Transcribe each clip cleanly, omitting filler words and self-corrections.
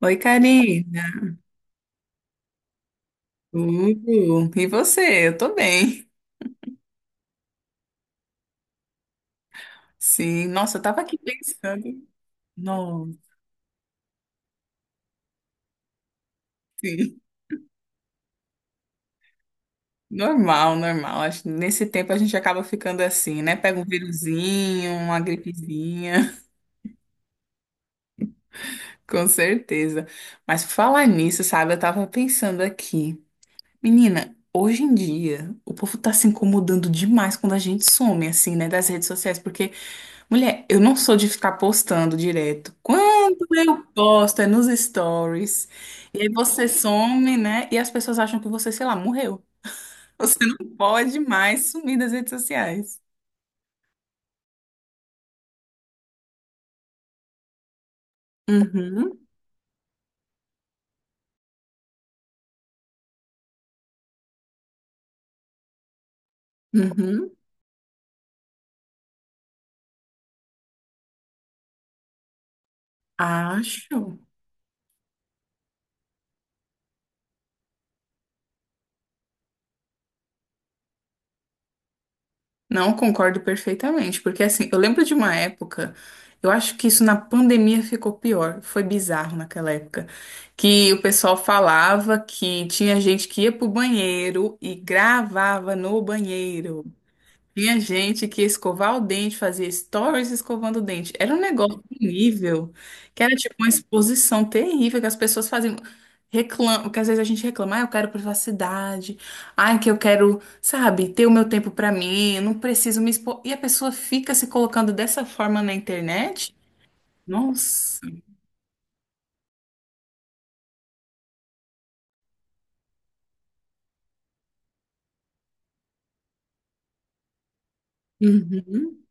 Oi, Karina. Tudo? E você? Eu tô bem. Sim, nossa, eu tava aqui pensando. Não, sim. Normal, normal. Acho que nesse tempo a gente acaba ficando assim, né? Pega um viruzinho, uma gripezinha, com certeza. Mas por falar nisso, sabe? Eu tava pensando aqui. Menina, hoje em dia, o povo tá se incomodando demais quando a gente some, assim, né? Das redes sociais, porque mulher, eu não sou de ficar postando direto. Quando eu posto é nos stories. E aí você some, né? E as pessoas acham que você, sei lá, morreu. Você não pode mais sumir das redes sociais. Uhum, uhum, acho. Não, concordo perfeitamente, porque assim, eu lembro de uma época, eu acho que isso na pandemia ficou pior, foi bizarro naquela época, que o pessoal falava que tinha gente que ia pro banheiro e gravava no banheiro. Tinha gente que ia escovar o dente, fazia stories escovando o dente. Era um negócio horrível, que era tipo uma exposição terrível que as pessoas faziam. Reclam... Que às vezes a gente reclama, ah, eu quero privacidade, ai, que eu quero, sabe, ter o meu tempo pra mim, eu não preciso me expor. E a pessoa fica se colocando dessa forma na internet? Nossa. Uhum.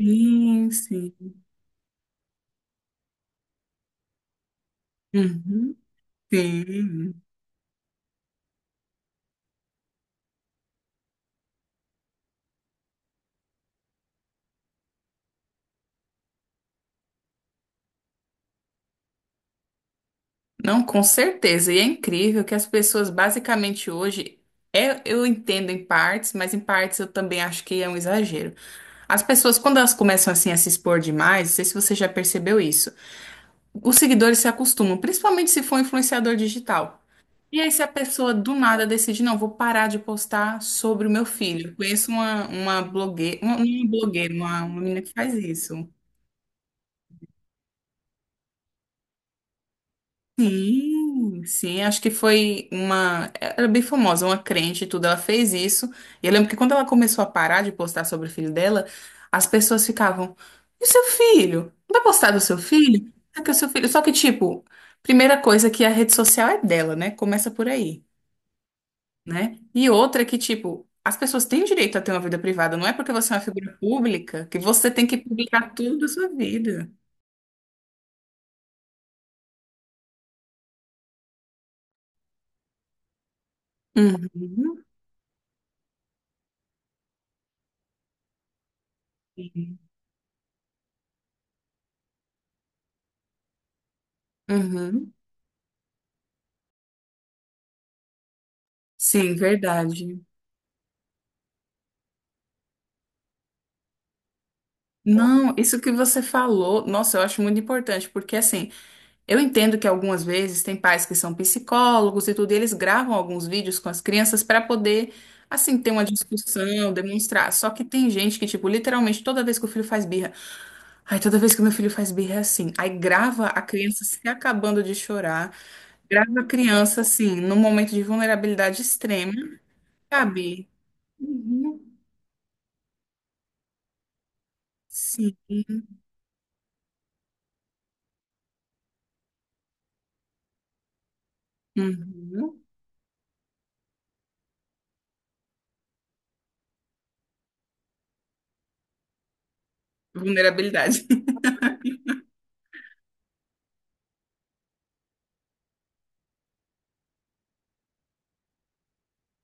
Sim, sim. Uhum. Sim. Não, com certeza. E é incrível que as pessoas basicamente hoje é, eu entendo em partes, mas em partes eu também acho que é um exagero. As pessoas, quando elas começam assim a se expor demais, não sei se você já percebeu isso, os seguidores se acostumam, principalmente se for um influenciador digital. E aí, se a pessoa do nada decide, não, vou parar de postar sobre o meu filho. Eu conheço uma blogueira, uma blogueira, uma menina que faz isso. Sim, sim, acho que foi uma. Era bem famosa, uma crente e tudo. Ela fez isso. E eu lembro que quando ela começou a parar de postar sobre o filho dela, as pessoas ficavam: E o seu filho? Não vai postar do seu filho? É que o seu filho. Só que, tipo, primeira coisa que a rede social é dela, né? Começa por aí, né? E outra é que, tipo, as pessoas têm direito a ter uma vida privada. Não é porque você é uma figura pública que você tem que publicar tudo da sua vida. Uhum. Uhum. Sim, verdade. Não, isso que você falou, nossa, eu acho muito importante, porque assim, eu entendo que algumas vezes tem pais que são psicólogos e tudo, e eles gravam alguns vídeos com as crianças para poder, assim, ter uma discussão, demonstrar. Só que tem gente que, tipo, literalmente toda vez que o filho faz birra, ai, toda vez que meu filho faz birra é assim. Aí grava a criança se acabando de chorar, grava a criança, assim, num momento de vulnerabilidade extrema, sabe? Uhum, sim. Uhum. Vulnerabilidade.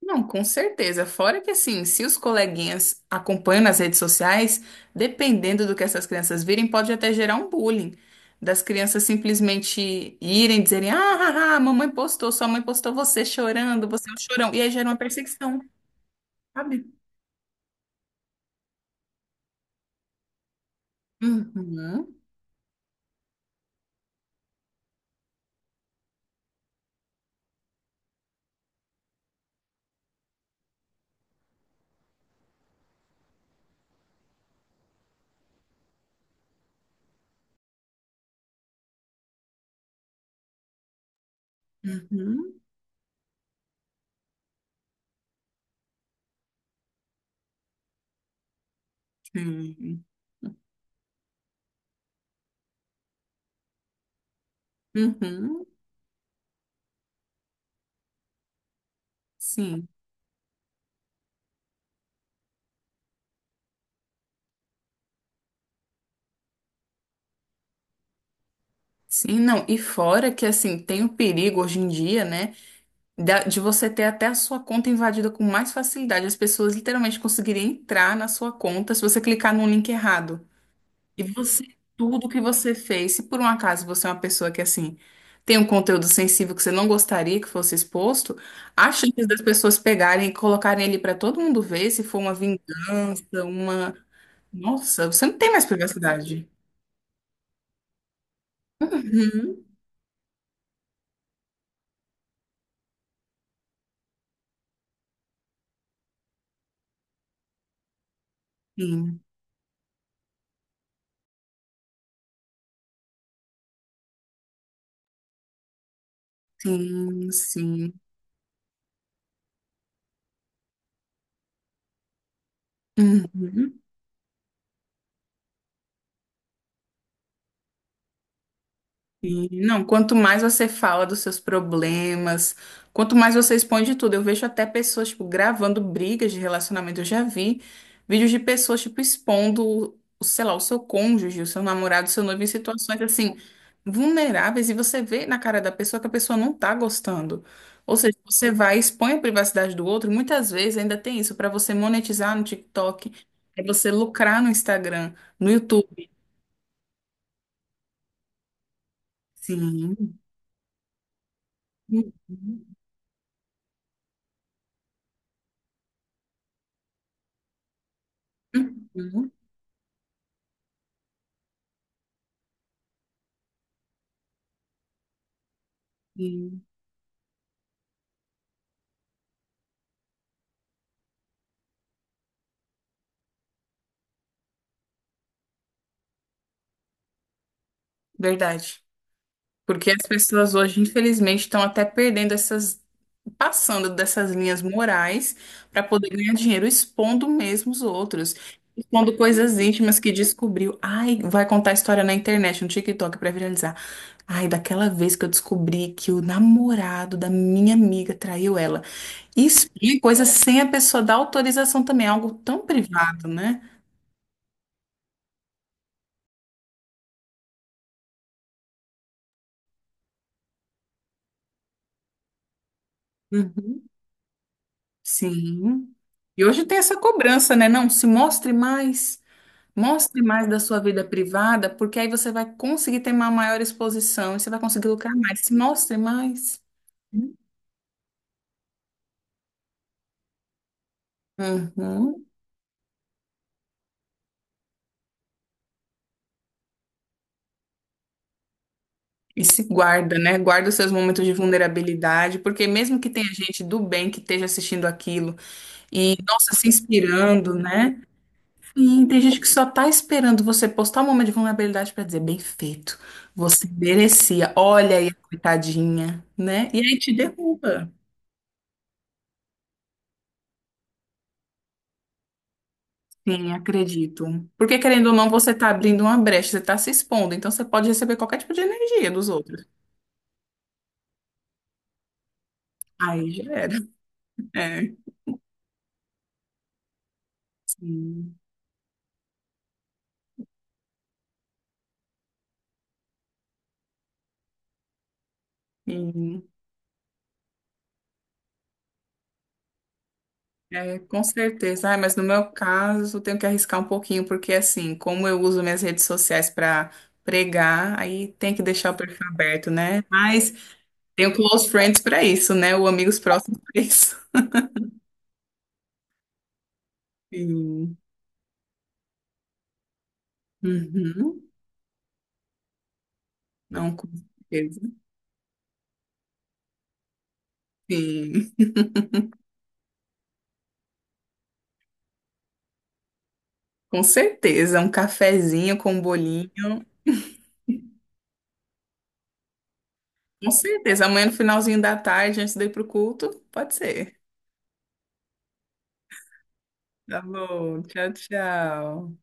Não, com certeza. Fora que, assim, se os coleguinhas acompanham nas redes sociais, dependendo do que essas crianças virem, pode até gerar um bullying. Das crianças simplesmente irem, dizerem: Ah, ah, ah, mamãe postou, sua mãe postou você chorando, você é um chorão. E aí gera uma perseguição, sabe? Uhum, uhum, sim, uhum, sim. Sim, não. E fora que, assim, tem o perigo hoje em dia, né? De você ter até a sua conta invadida com mais facilidade. As pessoas literalmente conseguiriam entrar na sua conta se você clicar num link errado. E você, tudo que você fez, se por um acaso você é uma pessoa que assim tem um conteúdo sensível que você não gostaria que fosse exposto, as chances das pessoas pegarem e colocarem ele para todo mundo ver se for uma vingança, uma. Nossa, você não tem mais privacidade. Uhum. Sim, sim, sim. Uhum. E, não, quanto mais você fala dos seus problemas, quanto mais você expõe de tudo. Eu vejo até pessoas, tipo, gravando brigas de relacionamento. Eu já vi vídeos de pessoas, tipo, expondo, sei lá, o seu cônjuge, o seu namorado, o seu noivo em situações, assim, vulneráveis. E você vê na cara da pessoa que a pessoa não tá gostando. Ou seja, você vai e expõe a privacidade do outro. Muitas vezes ainda tem isso, para você monetizar no TikTok, é você lucrar no Instagram, no YouTube. Sim. Uhum. Uhum. Sim, verdade. Porque as pessoas hoje, infelizmente, estão até perdendo essas, passando dessas linhas morais para poder ganhar dinheiro, expondo mesmo os outros, expondo coisas íntimas que descobriu. Ai, vai contar a história na internet, no TikTok para viralizar. Ai, daquela vez que eu descobri que o namorado da minha amiga traiu ela. Isso é coisa sem a pessoa dar autorização também, é algo tão privado, né? Uhum. Sim. E hoje tem essa cobrança, né? Não, se mostre mais, mostre mais da sua vida privada, porque aí você vai conseguir ter uma maior exposição e você vai conseguir lucrar mais. Se mostre mais. Uhum. E se guarda, né? Guarda os seus momentos de vulnerabilidade, porque mesmo que tenha gente do bem que esteja assistindo aquilo e, nossa, se inspirando, né? Sim, tem gente que só tá esperando você postar um momento de vulnerabilidade pra dizer, bem feito, você merecia, olha aí, a coitadinha, né? E aí te derruba. Sim, acredito. Porque querendo ou não, você tá abrindo uma brecha, você tá se expondo, então você pode receber qualquer tipo de energia dos outros. Aí já era. É, sim, sim. É, com certeza. Ai, mas no meu caso, eu tenho que arriscar um pouquinho, porque assim, como eu uso minhas redes sociais para pregar, aí tem que deixar o perfil aberto, né? Mas tem o close friends pra isso, né? O amigos próximos pra isso. Sim. Uhum. Não, com certeza. Sim. Com certeza. Um cafezinho com um bolinho. Com certeza. Amanhã no finalzinho da tarde, antes de ir pro culto, pode ser. Tá bom. Tchau, tchau.